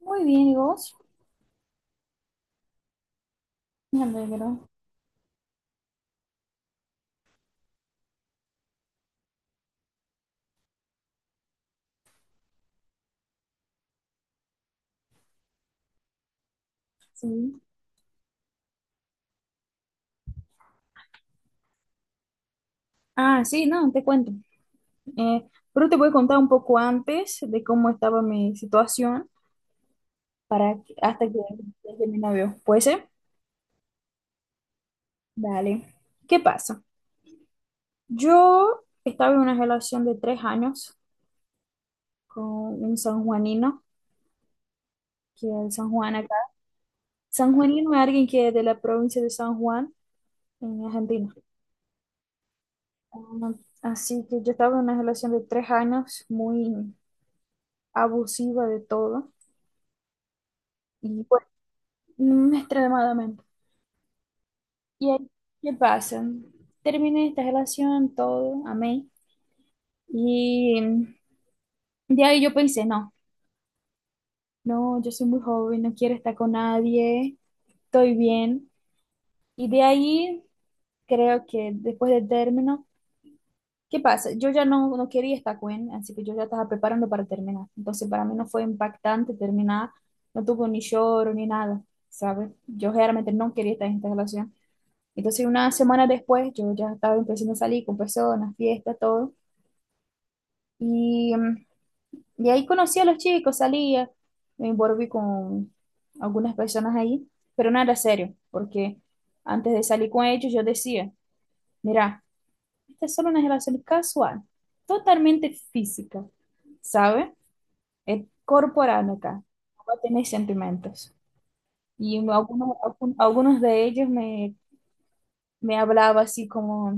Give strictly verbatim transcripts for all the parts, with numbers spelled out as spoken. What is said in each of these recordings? Muy bien, ¿y vos? Me alegro, sí. Ah, sí, no, te cuento. Eh, pero te voy a contar un poco antes de cómo estaba mi situación para que- hasta que llegue mi novio. ¿Puede ser? Dale. ¿Qué pasa? Yo estaba en una relación de tres años con un sanjuanino, que es de San Juan acá. Sanjuanino es alguien que es de la provincia de San Juan, en Argentina. Um, Así que yo estaba en una relación de tres años muy abusiva de todo. Y bueno, mm, extremadamente. ¿Y ahí qué pasa? Terminé esta relación, todo, amé. Y de ahí yo pensé, no, no, yo soy muy joven, no quiero estar con nadie, estoy bien. Y de ahí creo que después del término, ¿qué pasa? Yo ya no, no quería estar con él, así que yo ya estaba preparando para terminar. Entonces para mí no fue impactante terminar, no tuvo ni lloro ni nada, ¿sabes? Yo realmente no quería estar en esta relación. Entonces, unas semanas después, yo ya estaba empezando a salir con personas, fiestas, todo. Y, mm, y ahí conocí a los chicos, salía, me envolví con algunas personas ahí, pero no era serio, porque antes de salir con ellos yo decía, mira, esta es solo una relación casual, totalmente física, ¿sabe? Es corporal acá, no va a tener sentimientos. Y algunos, algun- algunos de ellos me, me hablaba así como...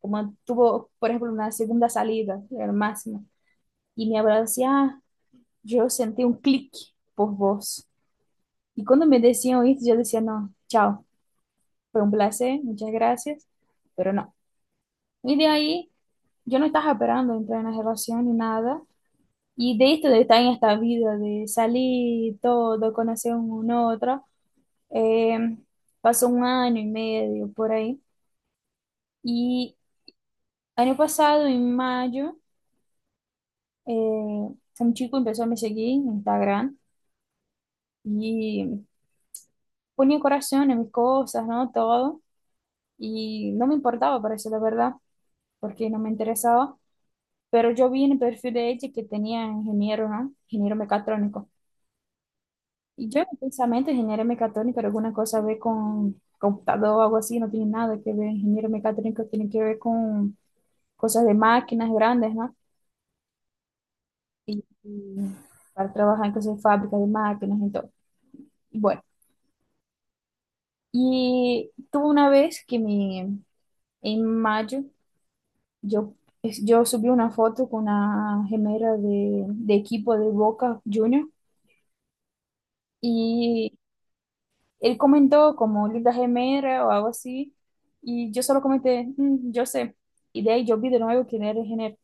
Uma tuvo, por ejemplo, una segunda salida, el máximo. Y me hablaba así, ah, yo sentí un clic por vos. Y cuando me decían esto, yo decía, no, chao, fue un placer, muchas gracias, pero no. Y de ahí, yo no estaba esperando entrar en una relación ni nada. Y de esto de estar en esta vida, de salir todo, conocer uno otro, eh, pasó un año y medio por ahí. Y año pasado, en mayo, eh, un chico empezó a me seguir en Instagram y ponía corazón en mis cosas, ¿no? Todo. Y no me importaba, parece la verdad, porque no me interesaba. Pero yo vi en el perfil de ella que tenía ingeniero, ¿no? Ingeniero mecatrónico. Y yo en mi pensamiento, ingeniero mecatrónico, era alguna cosa ve con computador o algo así, no tiene nada que ver. Ingeniero mecatrónico tiene que ver con cosas de máquinas grandes, ¿no? Y, y para trabajar en cosas de fábrica de máquinas y todo. Bueno. Y tuve una vez que me, en mayo yo, es- yo subí una foto con una gemera de, de equipo de Boca Junior y él comentó como linda gemera o algo así y yo solo comenté, "Mm, yo sé". Y de ahí yo vi de nuevo quién era el género.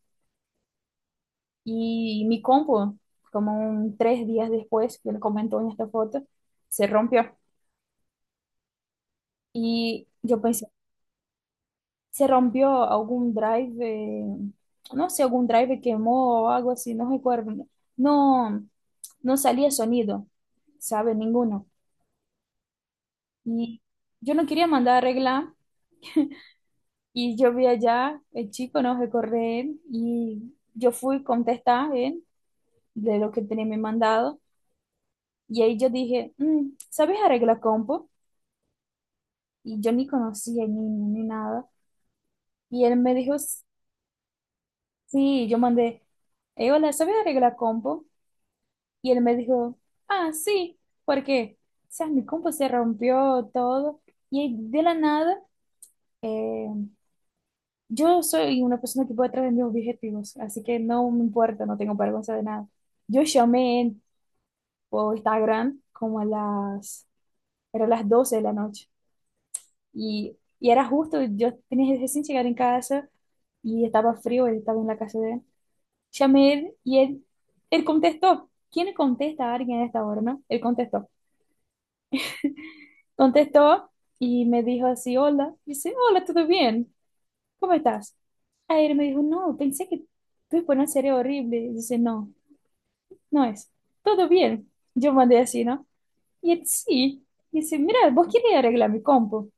Y mi compu, como un tres días después que él comentó en esta foto, se rompió. Y yo pensé, se rompió algún drive, eh, no sé, algún drive quemó o algo así, no recuerdo. No, no salía sonido, ¿sabe? Ninguno. Y yo no quería mandar a arreglar y yo vi allá, el chico no recorre él y yo fui a contestar él de lo que tenía me mandado y ahí yo dije, "Mm, ¿sabes arreglar compo?" Y yo ni conocía ni, ni nada. Y él me dijo, sí, yo mandé, eh, hola, ¿sabes arreglar compo? Y él me dijo, ah, sí, porque, o sea, mi compu se rompió todo. Y de la nada, eh, yo soy una persona que puede traer mis objetivos, así que no me importa, no tengo vergüenza de nada. Yo llamé en- por Instagram como a las, era las doce de la noche. Y, y era justo, yo tenía recién llegar en casa y estaba frío, él estaba en la casa de él. Llamé y él, él contestó. ¿Quién le contesta a alguien a esta hora, no? Él contestó. Contestó y me dijo así, hola. Dice, hola, ¿todo bien? ¿Cómo estás? Ayer me dijo, no, pensé que tu exponencia era horrible. Dice, no, no es. Todo bien. Yo mandé así, ¿no? Y él, sí. Dice, mira, vos querés arreglar mi compu.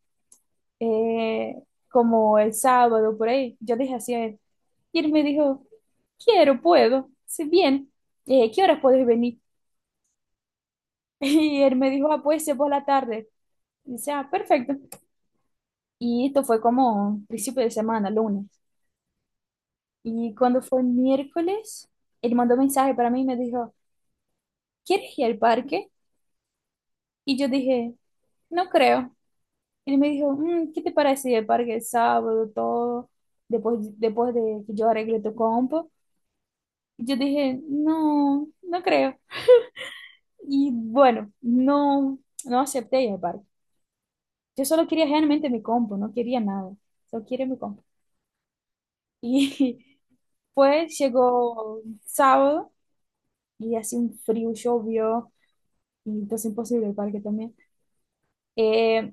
eh, Como el sábado, por ahí. Yo dije así a él. Y él me dijo, quiero, puedo. Dice, bien. Eh, ¿qué horas puedes venir? Y él me dijo, ah, puede ser por la tarde. Dice, ah, perfecto. Y esto fue como principio de semana, lunes. Y cuando fue miércoles, él mandó mensaje para mí y me dijo, ¿quieres ir al parque? Y yo dije, no creo. Él me dijo, "Mm, ¿qué te parece ir al parque el sábado, todo, después, después de que yo arregle tu compo?" Y yo dije, no, no creo. Y bueno, no, no acepté ir al parque. Yo solo quería realmente mi compo, no quería nada. Solo quería mi compo. Y pues llegó sábado. Y hace un frio, llovió, y entonces imposible el parque también. Eh,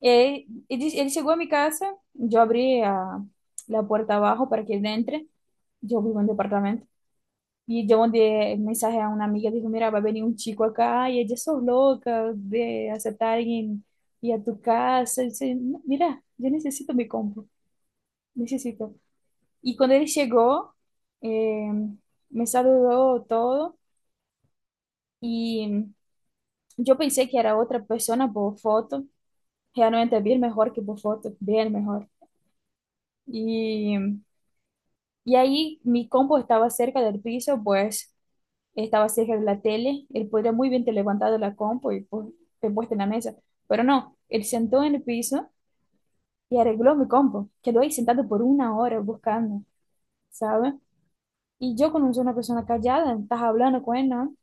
eh, él, él llegó a mi casa, yo abrí a- la puerta abajo para que él entre, yo vivo en departamento, y yo mandé el mensaje a una amiga, dijo, mira, va a venir un chico acá, y ella sos loca de aceptar a alguien y a tu casa, y dice, "No, mira, yo necesito mi compu, necesito". Y cuando él llegó, eh, me saludó todo, y... Yo pensei que era outra pessoa por foto, realmente vi melhor que por foto, bem melhor. E, e aí, mi compo estava cerca do piso, pues estava cerca da tele, ele poderia muito bem ter levantado a compo e pu- te puesto na mesa, pero não, ele sentou no piso e arreglou mi compo, quedou aí sentado por uma hora buscando, sabe? E eu, como sou uma pessoa callada, estava falando com ele, não?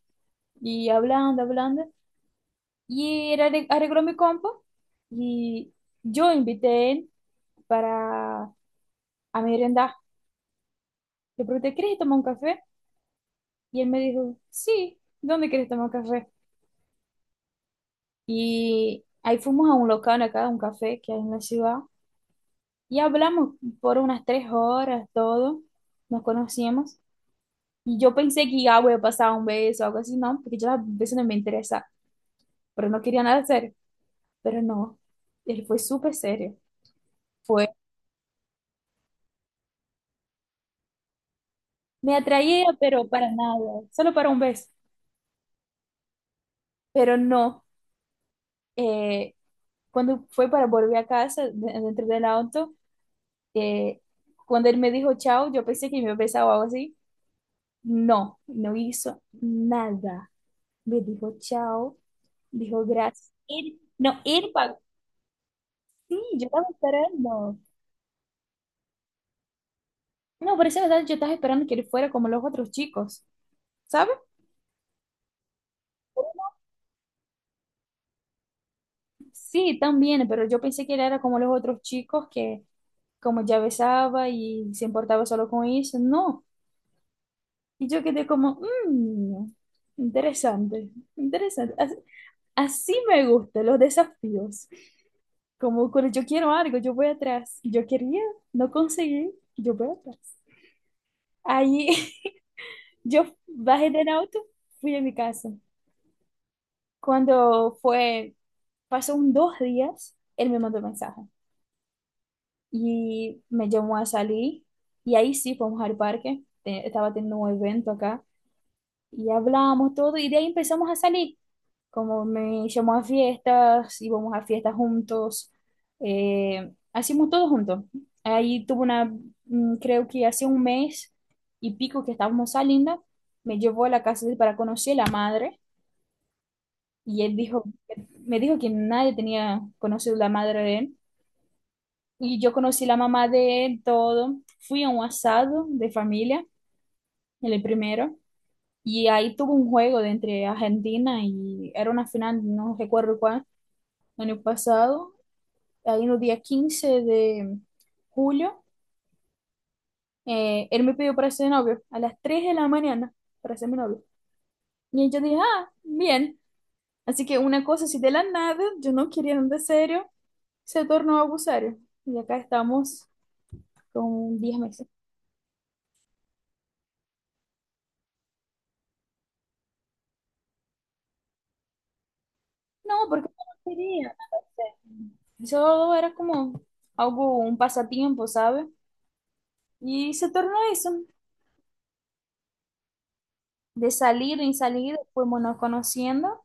E hablando, hablando, e ele arre- arreglou mi compo y yo invité para a merienda. Le pregunté, ¿quieres tomar un café? Y él me dijo, sí, ¿dónde quieres tomar café? Y ahí fuimos a un local acá, un café que hay en la ciudad, y hablamos por unas tres horas, todo, nos conocíamos. Y yo pensé que ya voy a pasar un beso o algo así, no, porque yo las veces no me interesa, pero no quería nada serio, pero no, él fue súper serio, fue, me atraía, pero para nada, solo para un beso, pero no. eh, Cuando fue para volver a casa, de- dentro del auto, eh, cuando él me dijo chao, yo pensé que me besaba o algo así. No, no hizo nada. Me dijo chao, dijo gracias. Él- no, él pagó. Sí, yo estaba esperando. No, por esa verdad, yo estaba esperando que él fuera como los otros chicos, ¿sabes? Sí, también, pero yo pensé que él era como los otros chicos que como ya besaba y se importaba solo con eso. No. Y yo quedé como, "Mm, interesante, interesante. As- Así, me gustan los desafíos". Como cuando yo quiero algo, yo voy atrás. Yo quería, no conseguí, yo voy atrás. Ahí yo bajé del auto, fui a mi casa. Cuando fue, pasó un dos días, él me mandó mensaje y me llamó a salir. Y ahí sí, fuimos al parque. Te- Estaba teniendo un evento acá y hablamos todo y de ahí empezamos a salir. Como me llamó a fiestas, íbamos a fiestas juntos, eh, hacíamos todo juntos. Ahí tuvo una, mm, creo que hace un mes y pico que estábamos saliendo, me llevó a la casa de él para conocer la madre y él dijo, me dijo que nadie tenía conocido la madre de él. Y yo conocí la mamá de él, todo. Fui a un asado de familia, el primero. Y ahí tuvo un juego de entre Argentina y era una final, no recuerdo cuál, el año pasado. Ahí en el día quince de julio, eh, él me pidió para ser novio a las tres de la mañana para ser mi novio. Y yo dije, ah, bien. Así que una cosa así de la nada, yo no quería nada serio, se tornó abusario. Y acá estamos con diez meses. No, porque yo no quería nada serio. Eso era como algo, un pasatiempo, ¿sabes? Y se tornó eso. De salir y salir, fuimos nos conociendo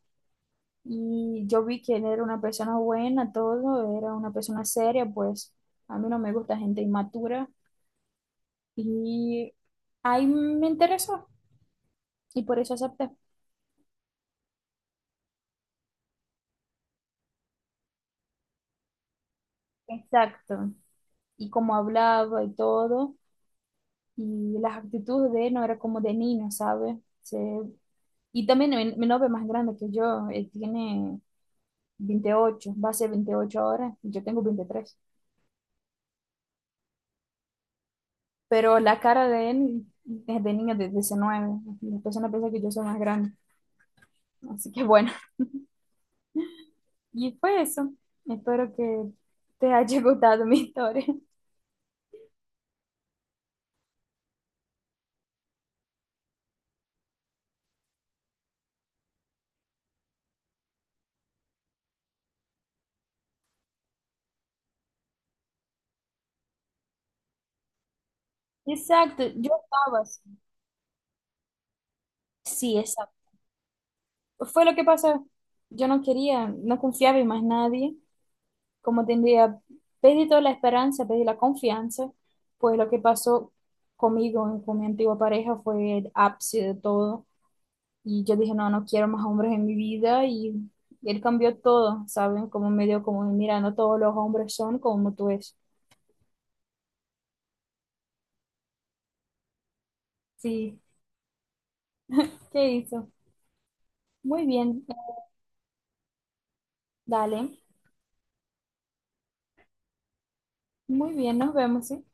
y yo vi que él era una persona buena, todo, era una persona seria, pues a mí no me gusta gente inmatura y ahí me interesó y por eso acepté. Exacto. Y como hablaba y todo, y las actitudes de él no era como de niño, ¿sabes? Se- Y también mi, mi novio es más grande que yo, él tiene veintiocho va a ser veintiocho ahora y yo tengo veintitrés. Pero la cara de él es de niño de diecinueve. La persona piensa que yo soy más grande. Así que bueno, y fue eso. Espero que te haya gustado mi historia. Exacto, yo estaba así. Sí, exacto. Fue lo que pasó. Yo no quería, no confiaba en más nadie. Como tendría, pedí toda la esperanza, pedí la confianza. Pues lo que pasó conmigo, con mi antigua pareja, fue el ápice de todo. Y yo dije, no, no quiero más hombres en mi vida y él cambió todo, ¿saben? Como medio como, mira, no todos los hombres son como tú es. Sí, ¿qué hizo? Muy bien, dale, muy bien, nos vemos, ¿sí?